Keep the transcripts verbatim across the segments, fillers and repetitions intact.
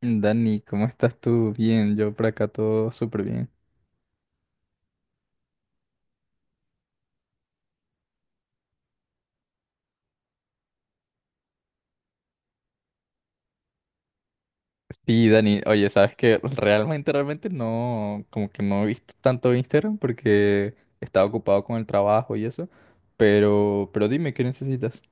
Dani, ¿cómo estás tú? Bien, yo por acá todo súper bien. Sí, Dani, oye, sabes que realmente, realmente no, como que no he visto tanto Instagram porque estaba ocupado con el trabajo y eso, pero, pero dime, ¿qué necesitas?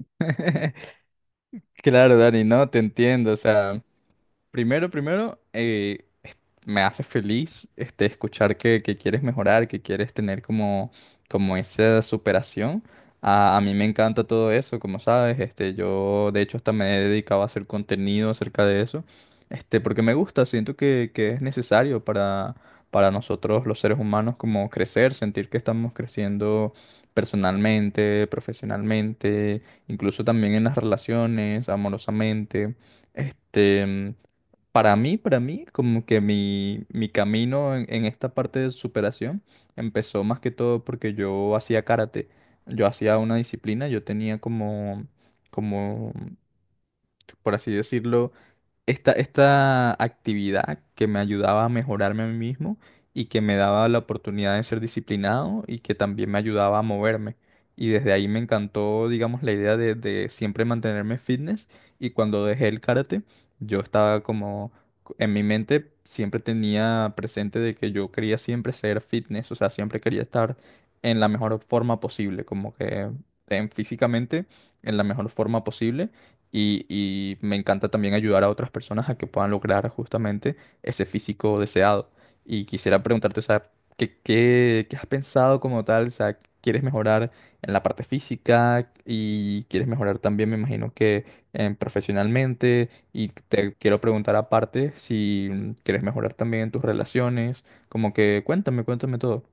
Claro, Dani, no, te entiendo, o sea, primero, primero, eh, me hace feliz este, escuchar que, que quieres mejorar, que quieres tener como, como esa superación. A, a mí me encanta todo eso, como sabes, este, yo de hecho hasta me he dedicado a hacer contenido acerca de eso, este, porque me gusta, siento que, que es necesario para, para nosotros los seres humanos como crecer, sentir que estamos creciendo personalmente, profesionalmente, incluso también en las relaciones, amorosamente. Este, para mí, para mí, como que mi, mi camino en, en esta parte de superación empezó más que todo porque yo hacía karate. Yo hacía una disciplina, yo tenía como, como, por así decirlo, esta, esta actividad que me ayudaba a mejorarme a mí mismo y que me daba la oportunidad de ser disciplinado y que también me ayudaba a moverme. Y desde ahí me encantó, digamos, la idea de, de siempre mantenerme fitness y cuando dejé el karate, yo estaba como, en mi mente siempre tenía presente de que yo quería siempre ser fitness, o sea, siempre quería estar en la mejor forma posible, como que en, físicamente en la mejor forma posible y, y me encanta también ayudar a otras personas a que puedan lograr justamente ese físico deseado. Y quisiera preguntarte, o sea, ¿qué, qué, qué has pensado como tal? O sea, ¿quieres mejorar en la parte física y quieres mejorar también, me imagino que em, profesionalmente? Y te quiero preguntar aparte si mm, quieres mejorar también en tus relaciones. Como que cuéntame, cuéntame todo.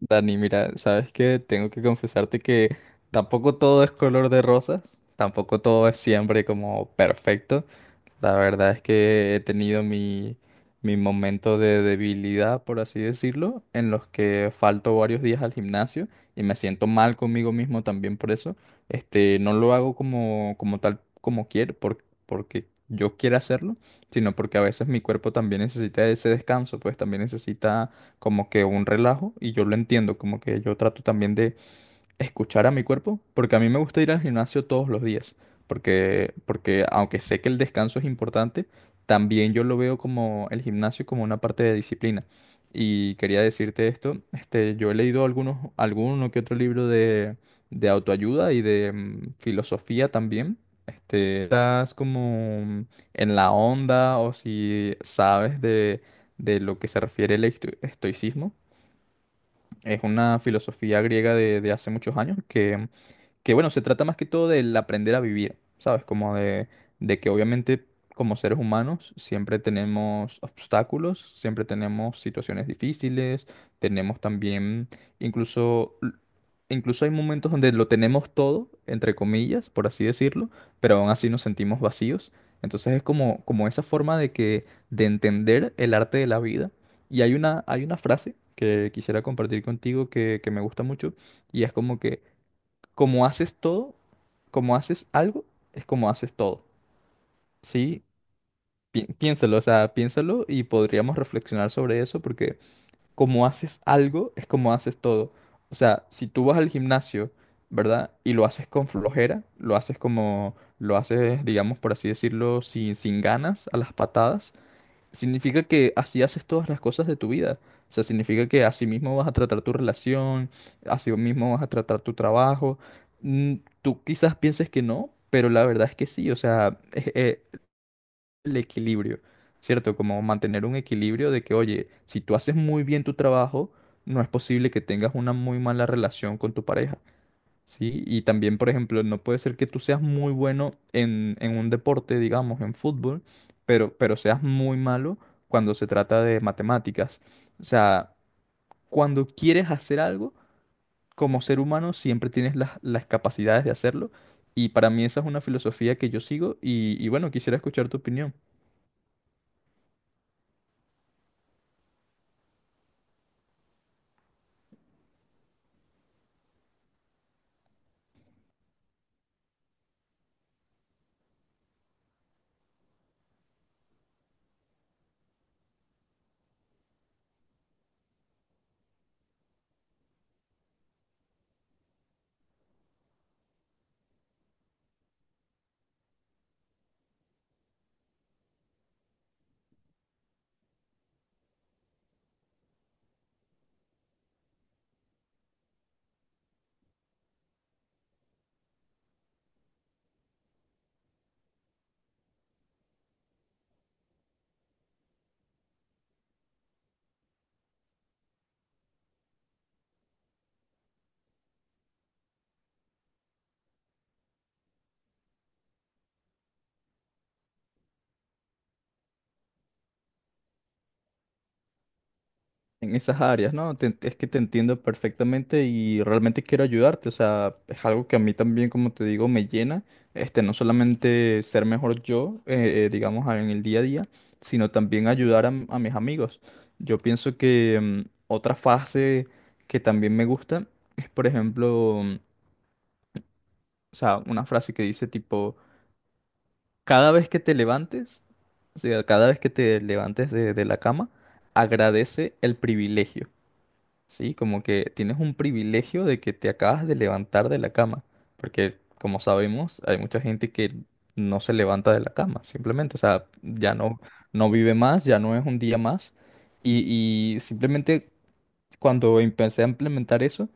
Dani, mira, sabes que tengo que confesarte que tampoco todo es color de rosas, tampoco todo es siempre como perfecto. La verdad es que he tenido mi, mi momento de debilidad, por así decirlo, en los que falto varios días al gimnasio y me siento mal conmigo mismo también por eso. Este, no lo hago como, como tal, como quiero, por- porque yo quiero hacerlo, sino porque a veces mi cuerpo también necesita ese descanso, pues también necesita como que un relajo y yo lo entiendo, como que yo trato también escuchar a mi cuerpo, porque a mí me gusta ir al gimnasio todos los días, porque, porque aunque sé que el descanso es importante, también yo lo veo como el gimnasio como una parte de disciplina. Y quería decirte esto, este, yo he leído algunos, alguno que otro libro de, de autoayuda y de mm, filosofía también. Este, estás como en la onda o si sabes de, de lo que se refiere el esto- estoicismo. Es una filosofía griega de, de hace muchos años que que bueno, se trata más que todo del aprender a vivir, ¿sabes? Como de, de que obviamente como seres humanos siempre tenemos obstáculos, siempre tenemos situaciones difíciles, tenemos también incluso... Incluso hay momentos donde lo tenemos todo, entre comillas, por así decirlo, pero aún así nos sentimos vacíos. Entonces es como, como esa forma de que, de entender el arte de la vida. Y hay una, hay una frase que quisiera compartir contigo que, que me gusta mucho, y es como que como haces todo, como haces algo, es como haces todo, ¿sí? Pi- piénsalo, o sea, piénsalo y podríamos reflexionar sobre eso porque como haces algo, es como haces todo. O sea, si tú vas al gimnasio, ¿verdad? Y lo haces con flojera, lo haces como, lo haces, digamos, por así decirlo, sin, sin ganas, a las patadas. Significa que así haces todas las cosas de tu vida. O sea, significa que así mismo vas a tratar tu relación, así mismo vas a tratar tu trabajo. Mm, Tú quizás pienses que no, pero la verdad es que sí. O sea, es, eh, el equilibrio, ¿cierto? Como mantener un equilibrio de que, oye, si tú haces muy bien tu trabajo, no es posible que tengas una muy mala relación con tu pareja. ¿Sí? Y también, por ejemplo, no puede ser que tú seas muy bueno en, en un deporte, digamos, en fútbol, pero, pero seas muy malo cuando se trata de matemáticas. O sea, cuando quieres hacer algo, como ser humano, siempre tienes las, las capacidades de hacerlo. Y para mí esa es una filosofía que yo sigo y, y bueno, quisiera escuchar tu opinión. En esas áreas, ¿no? Te- es que te entiendo perfectamente y realmente quiero ayudarte, o sea, es algo que a mí también, como te digo, me llena, este, no solamente ser mejor yo, eh, eh, digamos, a- en el día a día, sino también ayudar a, m- a mis amigos. Yo pienso que mm, otra frase que también me gusta es, por ejemplo, mm, o sea, una frase que dice tipo, cada vez que te levantes, o sea, cada vez que te levantes de de la cama, agradece el privilegio. Sí, como que tienes un privilegio de que te acabas de levantar de la cama, porque como sabemos, hay mucha gente que no se levanta de la cama, simplemente, o sea, ya no, no vive más, ya no es un día más, y, y simplemente cuando empecé a implementar eso,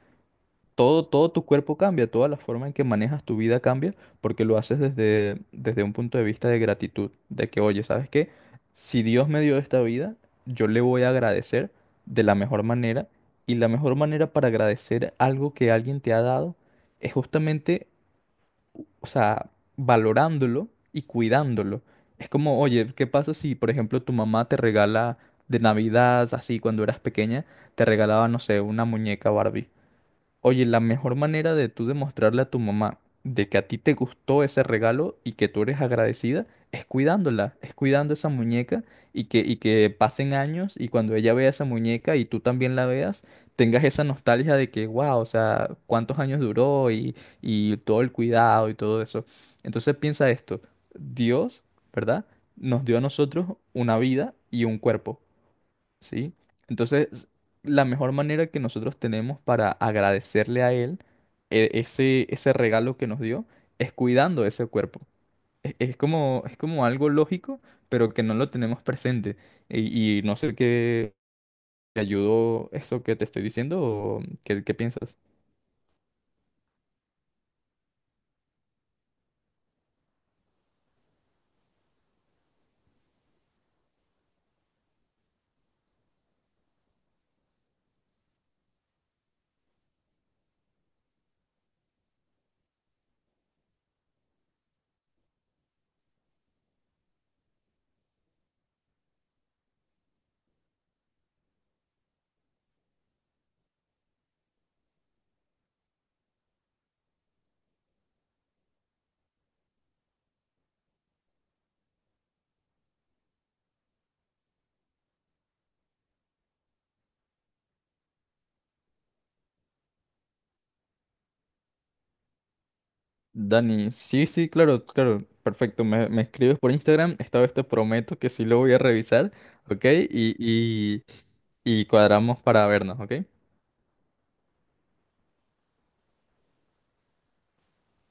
todo, todo tu cuerpo cambia, toda la forma en que manejas tu vida cambia, porque lo haces desde, desde un punto de vista de gratitud, de que, oye, ¿sabes qué? Si Dios me dio esta vida, yo le voy a agradecer de la mejor manera, y la mejor manera para agradecer algo que alguien te ha dado es justamente, o sea, valorándolo y cuidándolo. Es como, oye, ¿qué pasa si, por ejemplo, tu mamá te regala de Navidad, así cuando eras pequeña, te regalaba, no sé, una muñeca Barbie? Oye, la mejor manera de tú demostrarle a tu mamá de que a ti te gustó ese regalo y que tú eres agradecida es cuidándola, es cuidando esa muñeca y que, y que pasen años y cuando ella vea esa muñeca y tú también la veas, tengas esa nostalgia de que, wow, o sea, cuántos años duró y, y todo el cuidado y todo eso. Entonces piensa esto, Dios, ¿verdad? Nos dio a nosotros una vida y un cuerpo. ¿Sí? Entonces, la mejor manera que nosotros tenemos para agradecerle a Él e- ese, ese regalo que nos dio es cuidando ese cuerpo. Es, es como, es como algo lógico, pero que no lo tenemos presente. Y, y no sé qué te ayudó eso que te estoy diciendo o qué, qué piensas. Dani, sí, sí, claro, claro, perfecto. Me, me escribes por Instagram, esta vez te prometo que sí lo voy a revisar, ¿ok? Y, y, y cuadramos para vernos, ¿ok?